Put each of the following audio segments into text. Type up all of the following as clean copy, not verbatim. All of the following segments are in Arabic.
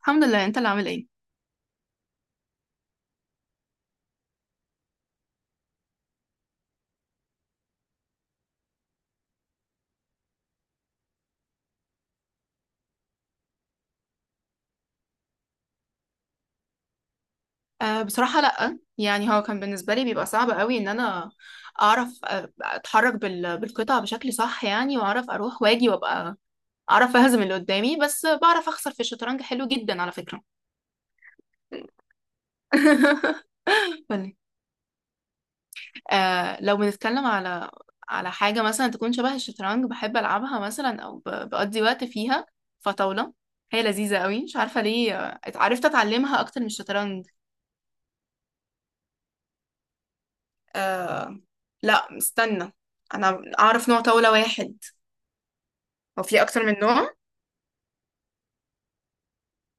الحمد لله، انت اللي عامل ايه؟ بصراحة لأ، يعني هو كان بالنسبة لي بيبقى صعب قوي ان انا اعرف، اتحرك بالقطع بشكل صح، يعني واعرف اروح واجي وابقى اعرف اهزم اللي قدامي، بس بعرف اخسر في الشطرنج. حلو جدا على فكرة. قولي. لو بنتكلم على حاجة مثلا تكون شبه الشطرنج بحب العبها مثلا، او بقضي وقت فيها، فطاولة هي لذيذة قوي، مش عارفة ليه. عرفت اتعلمها اكتر من الشطرنج. آه لا استنى، انا اعرف نوع طاولة واحد. هو في اكتر من نوع.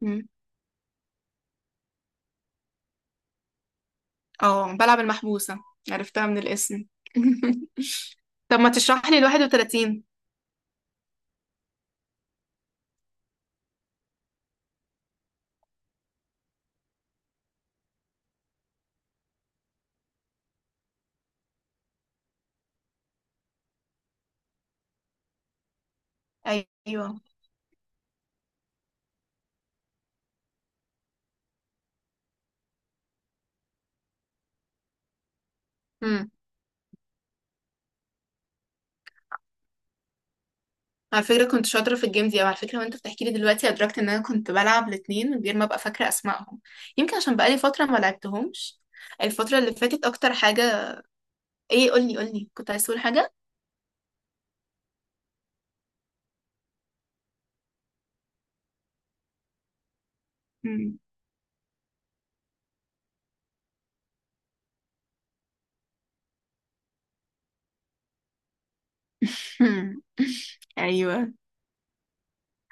مم. اه بلعب المحبوسة، عرفتها من الاسم. طب ما تشرح لي ال 31؟ ايوه. امم على فكرة كنت شاطرة في الجيم دي، او على فكرة، وانت بتحكي لي دلوقتي ادركت ان انا كنت بلعب الاتنين من غير ما ابقى فاكرة اسمائهم. يمكن عشان بقالي فترة ما لعبتهمش. الفترة اللي فاتت اكتر حاجة. ايه، قولي قولي، كنت عايز تقول حاجة. مم. ايوه.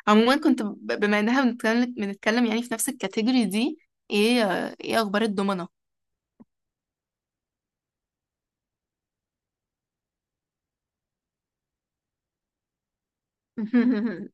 عموما كنت بما انها بنتكلم يعني في نفس الكاتيجوري دي، ايه اخبار الضمنة؟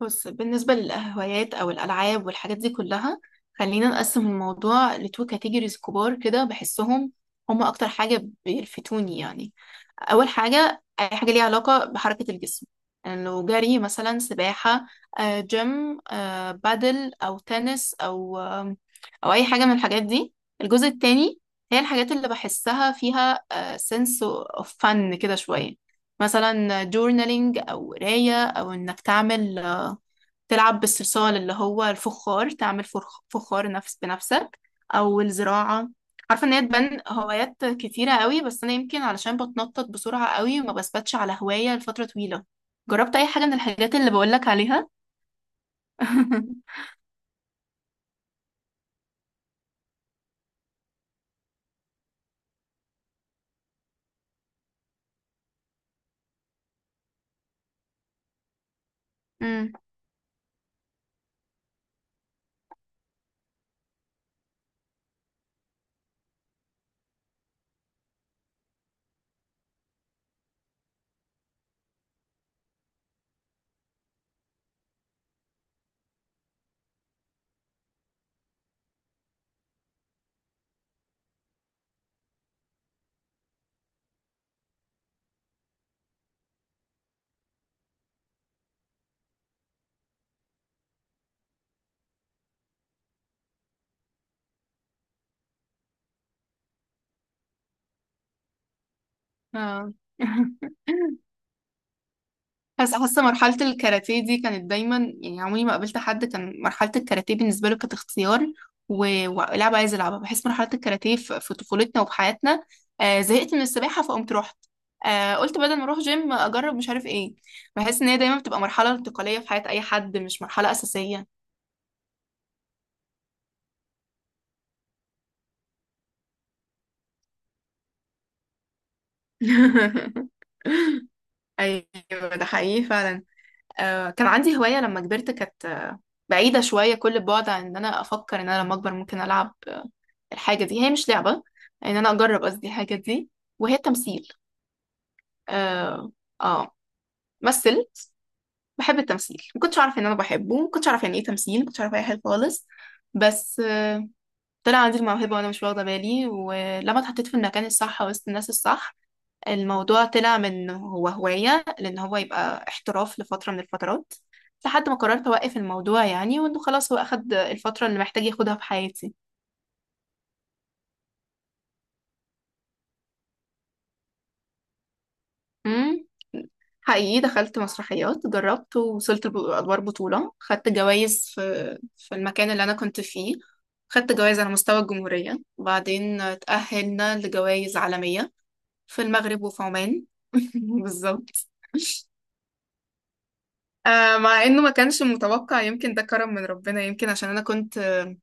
بص، بالنسبة للهوايات أو الألعاب والحاجات دي كلها، خلينا نقسم الموضوع لتو كاتيجوريز كبار كده بحسهم هما أكتر حاجة بيلفتوني يعني. أول حاجة أي حاجة ليها علاقة بحركة الجسم، إنه جري مثلا، سباحة، جيم، بادل أو تنس، أو أو أي حاجة من الحاجات دي. الجزء التاني هي الحاجات اللي بحسها فيها سنس اوف فن كده شوية، مثلا جورنالينج، أو قراية، أو إنك تعمل آه، تلعب بالصلصال اللي هو الفخار، تعمل فخار نفس بنفسك، او الزراعة. عارفة ان هي تبان هوايات كتيرة قوي، بس انا يمكن علشان بتنطط بسرعة قوي وما بثبتش على هواية لفترة طويلة. جربت اي حاجة من الحاجات اللي بقولك عليها؟ امم. اه. بس حاسه مرحله الكاراتيه دي كانت دايما، يعني عمري ما قابلت حد كان مرحله الكاراتيه بالنسبه له كانت اختيار ولعبه عايز العبها. بحس مرحله الكاراتيه في طفولتنا وفي حياتنا. زهقت من السباحه فقمت رحت، قلت بدل ما اروح جيم اجرب مش عارف ايه. بحس ان هي دايما بتبقى مرحله انتقاليه في حياه اي حد، مش مرحله اساسيه. ايوه ده حقيقي فعلا. كان عندي هوايه لما كبرت، كانت بعيده شويه كل البعد عن ان انا افكر ان انا لما اكبر ممكن العب الحاجة دي. هي مش لعبة، ان انا اجرب قصدي الحاجة دي وهي تمثيل. اه. اه. مثل. بحب التمثيل. ما كنتش اعرف ان انا بحبه، ما كنتش اعرف يعني ايه تمثيل، ما كنتش اعرف اي حاجة خالص. بس طلع عندي الموهبة وانا مش واخدة بالي، ولما اتحطيت في المكان الصح وسط الناس الصح، الموضوع طلع من هو هواية لان هو يبقى احتراف لفترة من الفترات، لحد ما قررت اوقف الموضوع يعني، وانه خلاص هو اخد الفترة اللي محتاج ياخدها في حياتي. امم. حقيقي دخلت مسرحيات، جربت ووصلت لأدوار بطولة، خدت جوائز في المكان اللي أنا كنت فيه. خدت جوائز على مستوى الجمهورية، وبعدين تأهلنا لجوائز عالمية في المغرب وفي عمان. بالظبط. مع إنه ما كانش متوقع، يمكن ده كرم من ربنا، يمكن عشان أنا كنت آه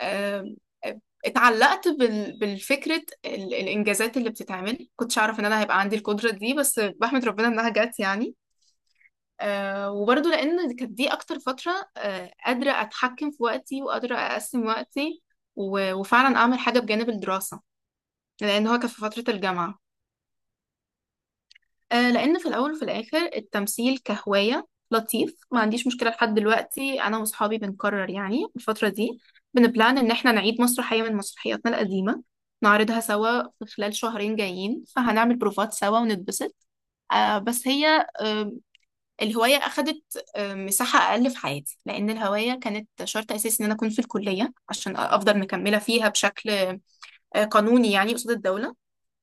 آه، اتعلقت بالفكرة، الإنجازات اللي بتتعمل كنتش أعرف إن أنا هيبقى عندي القدرة دي، بس بحمد ربنا إنها جت يعني. وبرضه لأن كانت دي أكتر فترة قادرة أتحكم في وقتي وقادرة أقسم وقتي، وفعلا أعمل حاجة بجانب الدراسة، لأن هو كان في فترة الجامعة. لأن في الأول وفي الآخر التمثيل كهواية لطيف، ما عنديش مشكلة. لحد دلوقتي أنا وأصحابي بنكرر يعني الفترة دي، بنبلان إن إحنا نعيد مسرحية من مسرحياتنا القديمة، نعرضها سوا في خلال شهرين جايين، فهنعمل بروفات سوا ونتبسط. بس هي الهواية أخدت مساحة أقل في حياتي، لأن الهواية كانت شرط أساسي إن أنا أكون في الكلية عشان أفضل مكملة فيها بشكل قانوني يعني قصاد الدولة،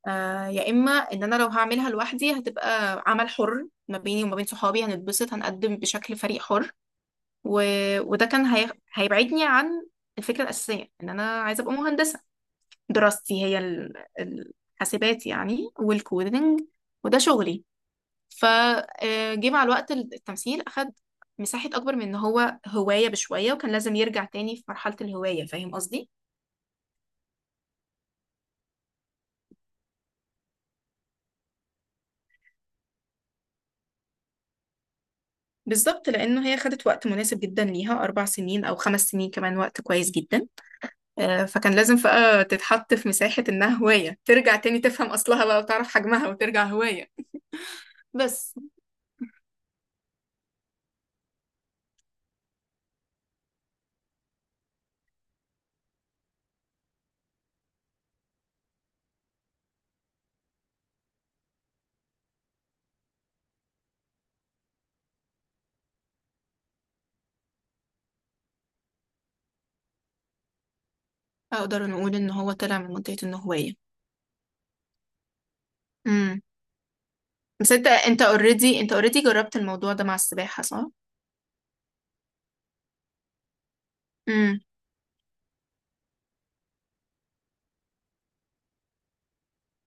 يا إما إن أنا لو هعملها لوحدي هتبقى عمل حر ما بيني وما بين صحابي هنتبسط هنقدم بشكل فريق حر، و... وده كان هيبعدني عن الفكرة الأساسية إن أنا عايزة أبقى مهندسة. دراستي هي الحاسبات يعني والكودينج، وده شغلي. فجه مع الوقت التمثيل أخد مساحة أكبر من إن هو هواية بشوية، وكان لازم يرجع تاني في مرحلة الهواية. فاهم قصدي؟ بالظبط، لأنه هي خدت وقت مناسب جدا ليها، 4 سنين أو 5 سنين كمان وقت كويس جدا. فكان لازم بقى تتحط في مساحة إنها هواية، ترجع تاني تفهم أصلها بقى وتعرف حجمها وترجع هواية. بس أقدر نقول إن هو طلع من منطقة إنه هواية. امم. بس أنت أنت أوريدي أنت أوريدي جربت الموضوع ده مع السباحة، صح؟ امم.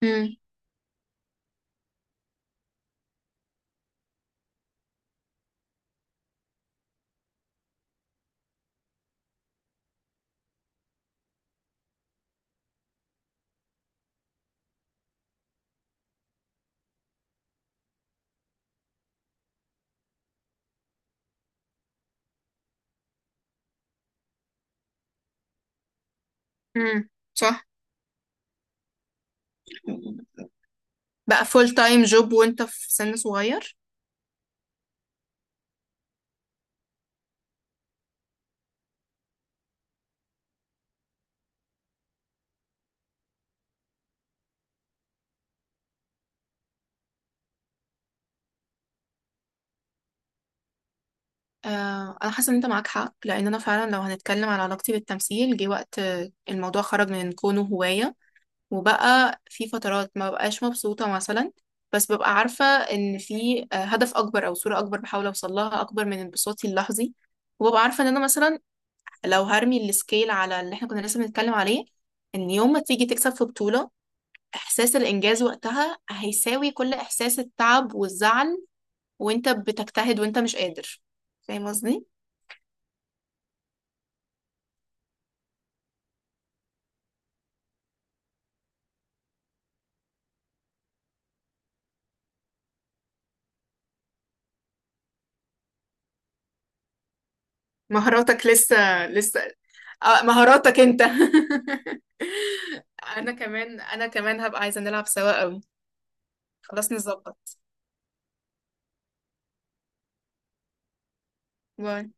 امم. امم. صح. بقى فول تايم جوب وانت في سن صغير. انا حاسه ان انت معاك حق، لان انا فعلا لو هنتكلم على علاقتي بالتمثيل جه وقت الموضوع خرج من كونه هوايه، وبقى في فترات ما بقاش مبسوطه مثلا. بس ببقى عارفه ان في هدف اكبر او صوره اكبر بحاول اوصل لها اكبر من انبساطي اللحظي. وببقى عارفه ان انا مثلا لو هرمي السكيل على اللي احنا كنا لسه بنتكلم عليه، ان يوم ما تيجي تكسب في بطوله، احساس الانجاز وقتها هيساوي كل احساس التعب والزعل، وانت بتجتهد وانت مش قادر. فاهم قصدي؟ مهاراتك لسه لسه. مهاراتك انت. انا كمان انا كمان هبقى عايزة نلعب سوا قوي. خلاص نظبط. باي.